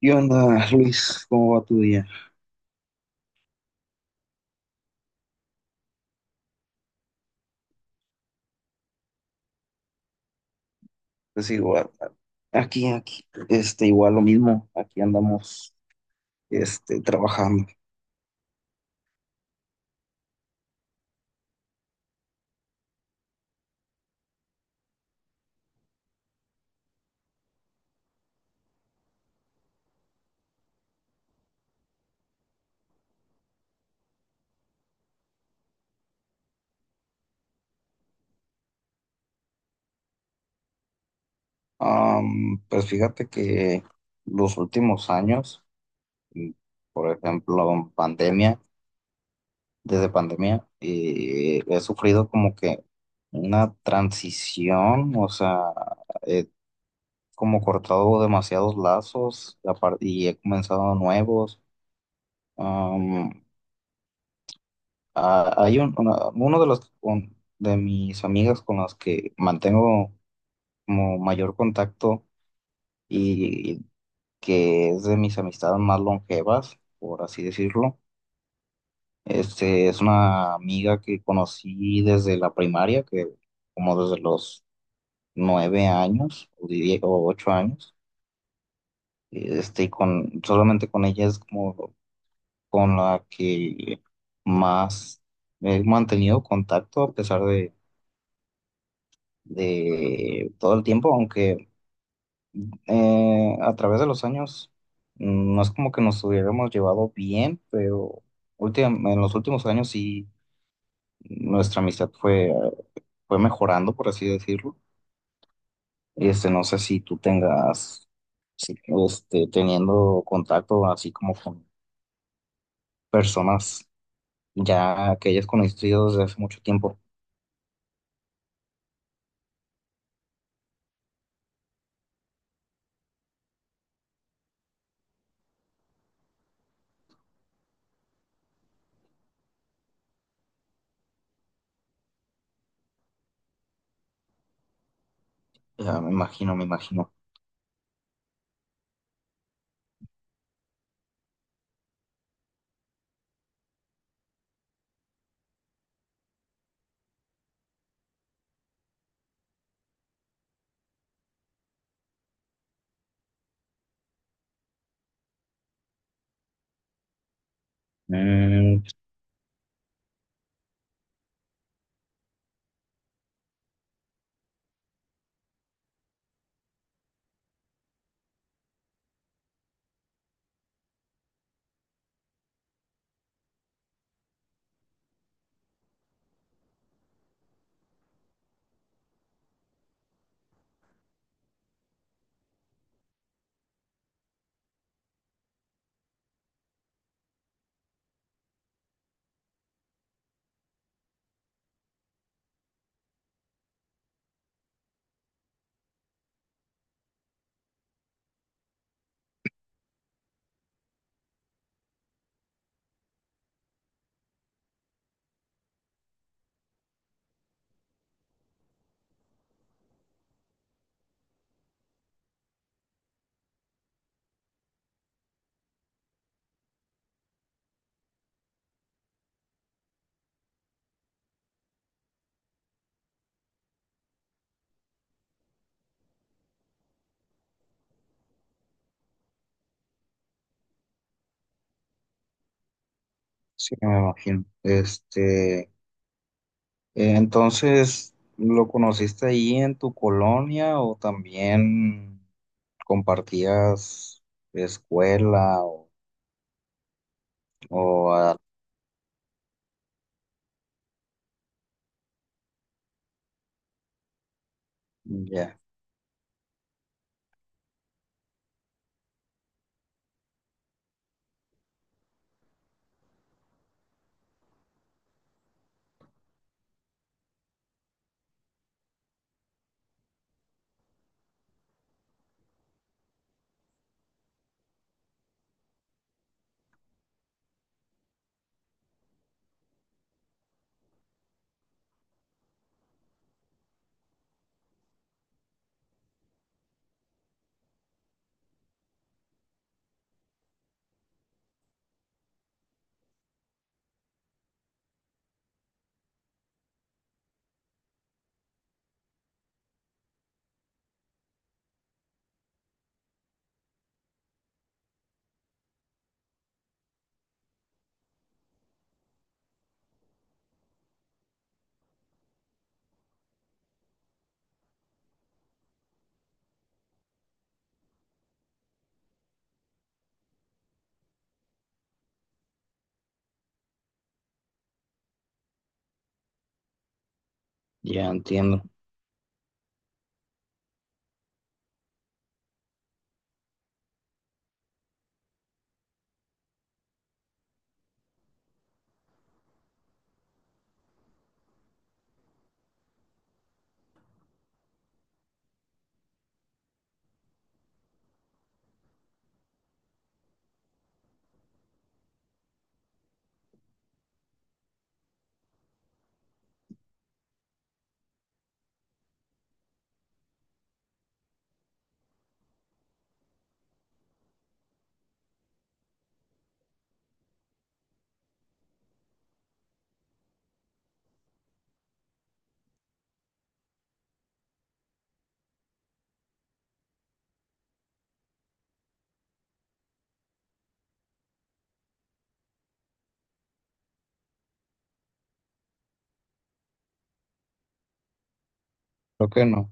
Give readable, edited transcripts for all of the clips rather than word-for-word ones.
¿Qué onda, Luis? ¿Cómo va tu día? Pues igual, aquí, igual lo mismo, aquí andamos, trabajando. Pues fíjate que los últimos años, y por ejemplo, pandemia, desde pandemia, he sufrido como que una transición, o sea, he como cortado demasiados lazos y y he comenzado nuevos. Ah, hay un, una- uno de los un- de mis amigas con las que mantengo como mayor contacto y, que es de mis amistades más longevas, por así decirlo. Este es una amiga que conocí desde la primaria, que como desde los 9 años o o 8 años. Y con solamente con ella es como con la que más he mantenido contacto a pesar de todo el tiempo, aunque, a través de los años, no es como que nos hubiéramos llevado bien, pero en los últimos años sí nuestra amistad fue mejorando, por así decirlo. No sé si tú tengas, si- teniendo contacto así como con personas ya que hayas conocido desde hace mucho tiempo. Ya, me imagino, me imagino. Mm, sí, me imagino. Entonces, ¿lo conociste ahí en tu colonia o también compartías escuela o... ya, ya entiendo. Creo que no.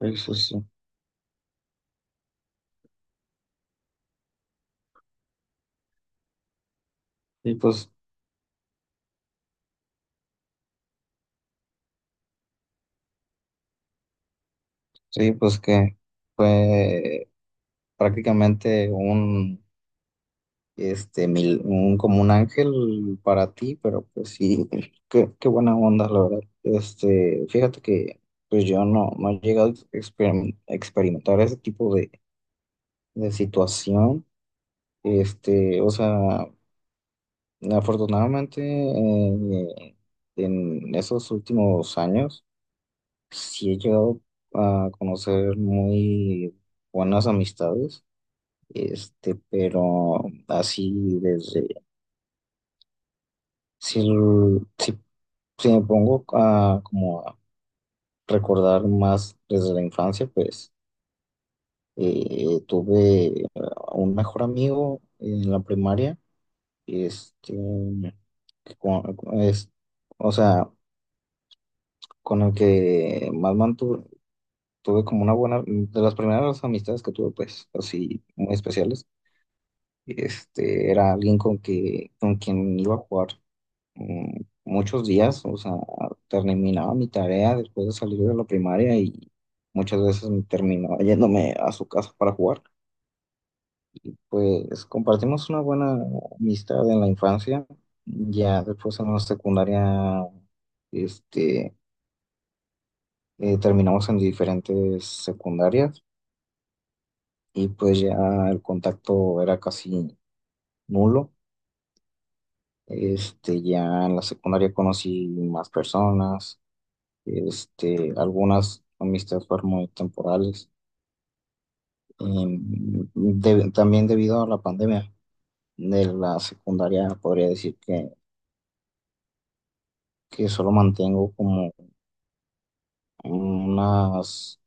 Eso sí. Y pues, sí, pues que fue prácticamente un, este, mil, un, como un ángel para ti, pero pues sí, qué buena onda, la verdad. Fíjate que pues yo no he llegado a experimentar ese tipo de situación. O sea, afortunadamente, en esos últimos años sí he llegado a conocer muy buenas amistades, pero así desde, si, si, si me pongo como a recordar más desde la infancia, pues, tuve, un mejor amigo en la primaria. Este, con- con- es, o sea, con el que más mantuve, tuve como una buena, de las primeras amistades que tuve, pues, así, muy especiales. Era alguien con quien iba a jugar, muchos días, o sea, terminaba mi tarea después de salir de la primaria y muchas veces me terminaba yéndome a su casa para jugar. Y pues compartimos una buena amistad en la infancia. Ya después en la secundaria, este, terminamos en diferentes secundarias y pues ya el contacto era casi nulo. Ya en la secundaria conocí más personas. Algunas amistades fueron muy temporales, em, también debido a la pandemia de la secundaria podría decir que, solo mantengo como unas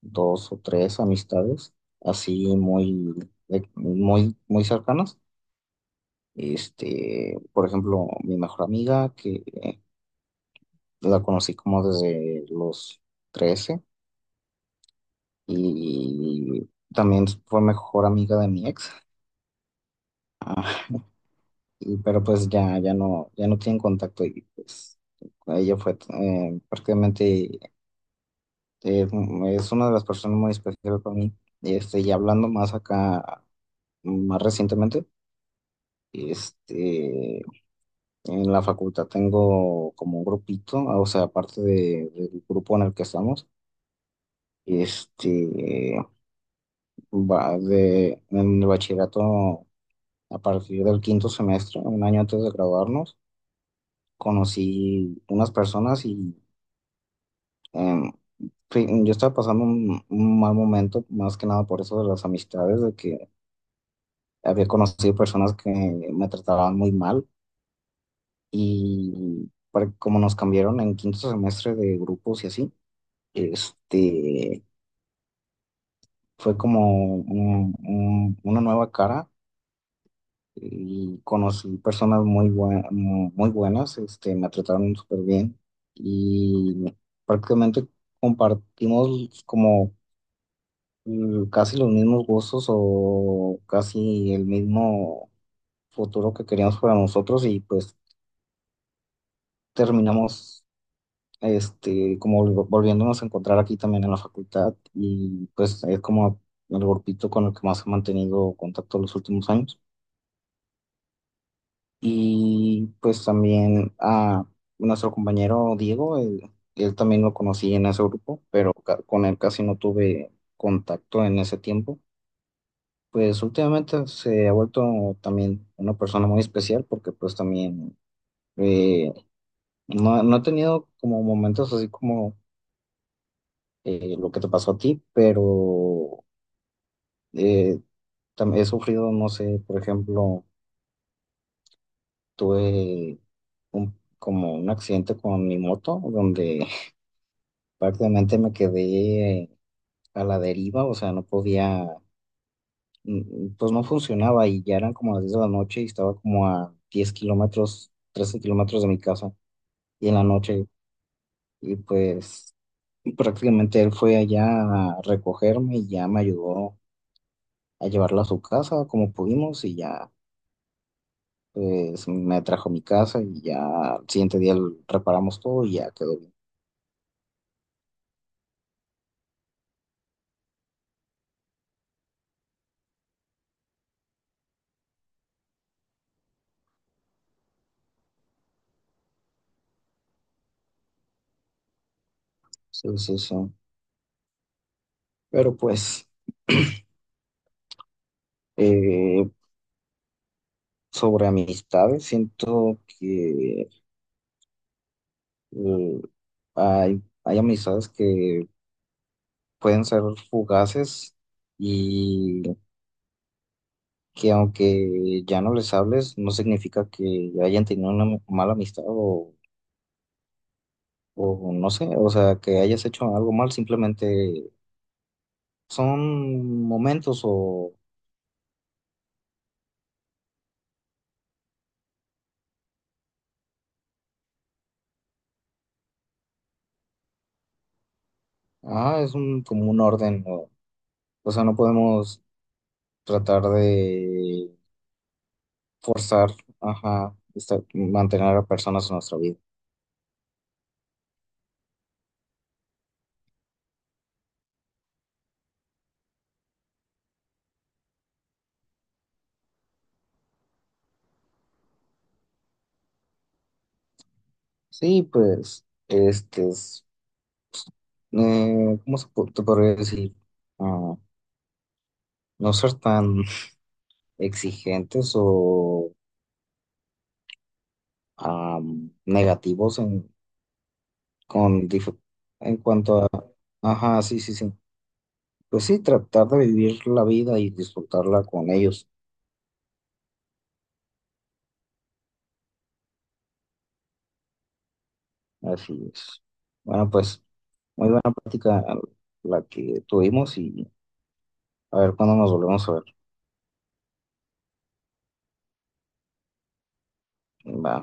dos o tres amistades así muy, muy, muy cercanas. Por ejemplo, mi mejor amiga, que la conocí como desde los 13, y también fue mejor amiga de mi ex. Ah, y, pero pues ya no tienen contacto y pues ella fue, prácticamente, eh, es una de las personas muy especiales para mí. Y hablando más acá, más recientemente. Este, en la facultad tengo como un grupito, ah, o sea, aparte del grupo en el que estamos. Este, va de, en el bachillerato, a partir del quinto semestre, un año antes de graduarnos, conocí unas personas y, em, sí, yo estaba pasando un mal momento, más que nada por eso de las amistades, de que había conocido personas que me trataban muy mal y como nos cambiaron en quinto semestre de grupos y así, este, fue como una nueva cara y conocí personas muy buenas. Me trataron súper bien y prácticamente compartimos como, casi los mismos gustos o casi el mismo futuro que queríamos para nosotros, y pues terminamos, volviéndonos a encontrar aquí también en la facultad, y pues es como el grupito con el que más he mantenido contacto los últimos años. Y pues también a nuestro compañero Diego, él también lo conocí en ese grupo, pero con él casi no tuve contacto en ese tiempo. Pues últimamente se ha vuelto también una persona muy especial, porque pues también, eh, no he tenido como momentos así como, lo que te pasó a ti, pero, eh, he sufrido, no sé, por ejemplo, tuve como un accidente con mi moto donde prácticamente me quedé a la deriva, o sea, no podía, pues no funcionaba, y ya eran como las 10 de la noche y estaba como a 10 km, 13 km de mi casa, y en la noche, y pues prácticamente él fue allá a recogerme y ya me ayudó a llevarla a su casa como pudimos, y ya pues me trajo a mi casa, y ya al siguiente día lo reparamos todo y ya quedó bien. Sí, sí, sí. Pero pues eh, sobre amistades, siento que, eh, hay amistades que pueden ser fugaces y que, aunque ya no les hables, no significa que hayan tenido una mala amistad, o no sé, o sea, que hayas hecho algo mal, simplemente son momentos o... Ah, es como un orden, ¿no? O sea, no podemos tratar de forzar, ajá, mantener a personas en nuestra vida. Sí, pues, ¿cómo te podría decir? Ah, no ser tan exigentes o, negativos con, dif- en cuanto a, ajá, sí, sí, sí. Pues sí, tratar de vivir la vida y disfrutarla con ellos. Así es. Bueno, pues. Muy buena práctica la que tuvimos, y a ver cuándo nos volvemos a ver. Va.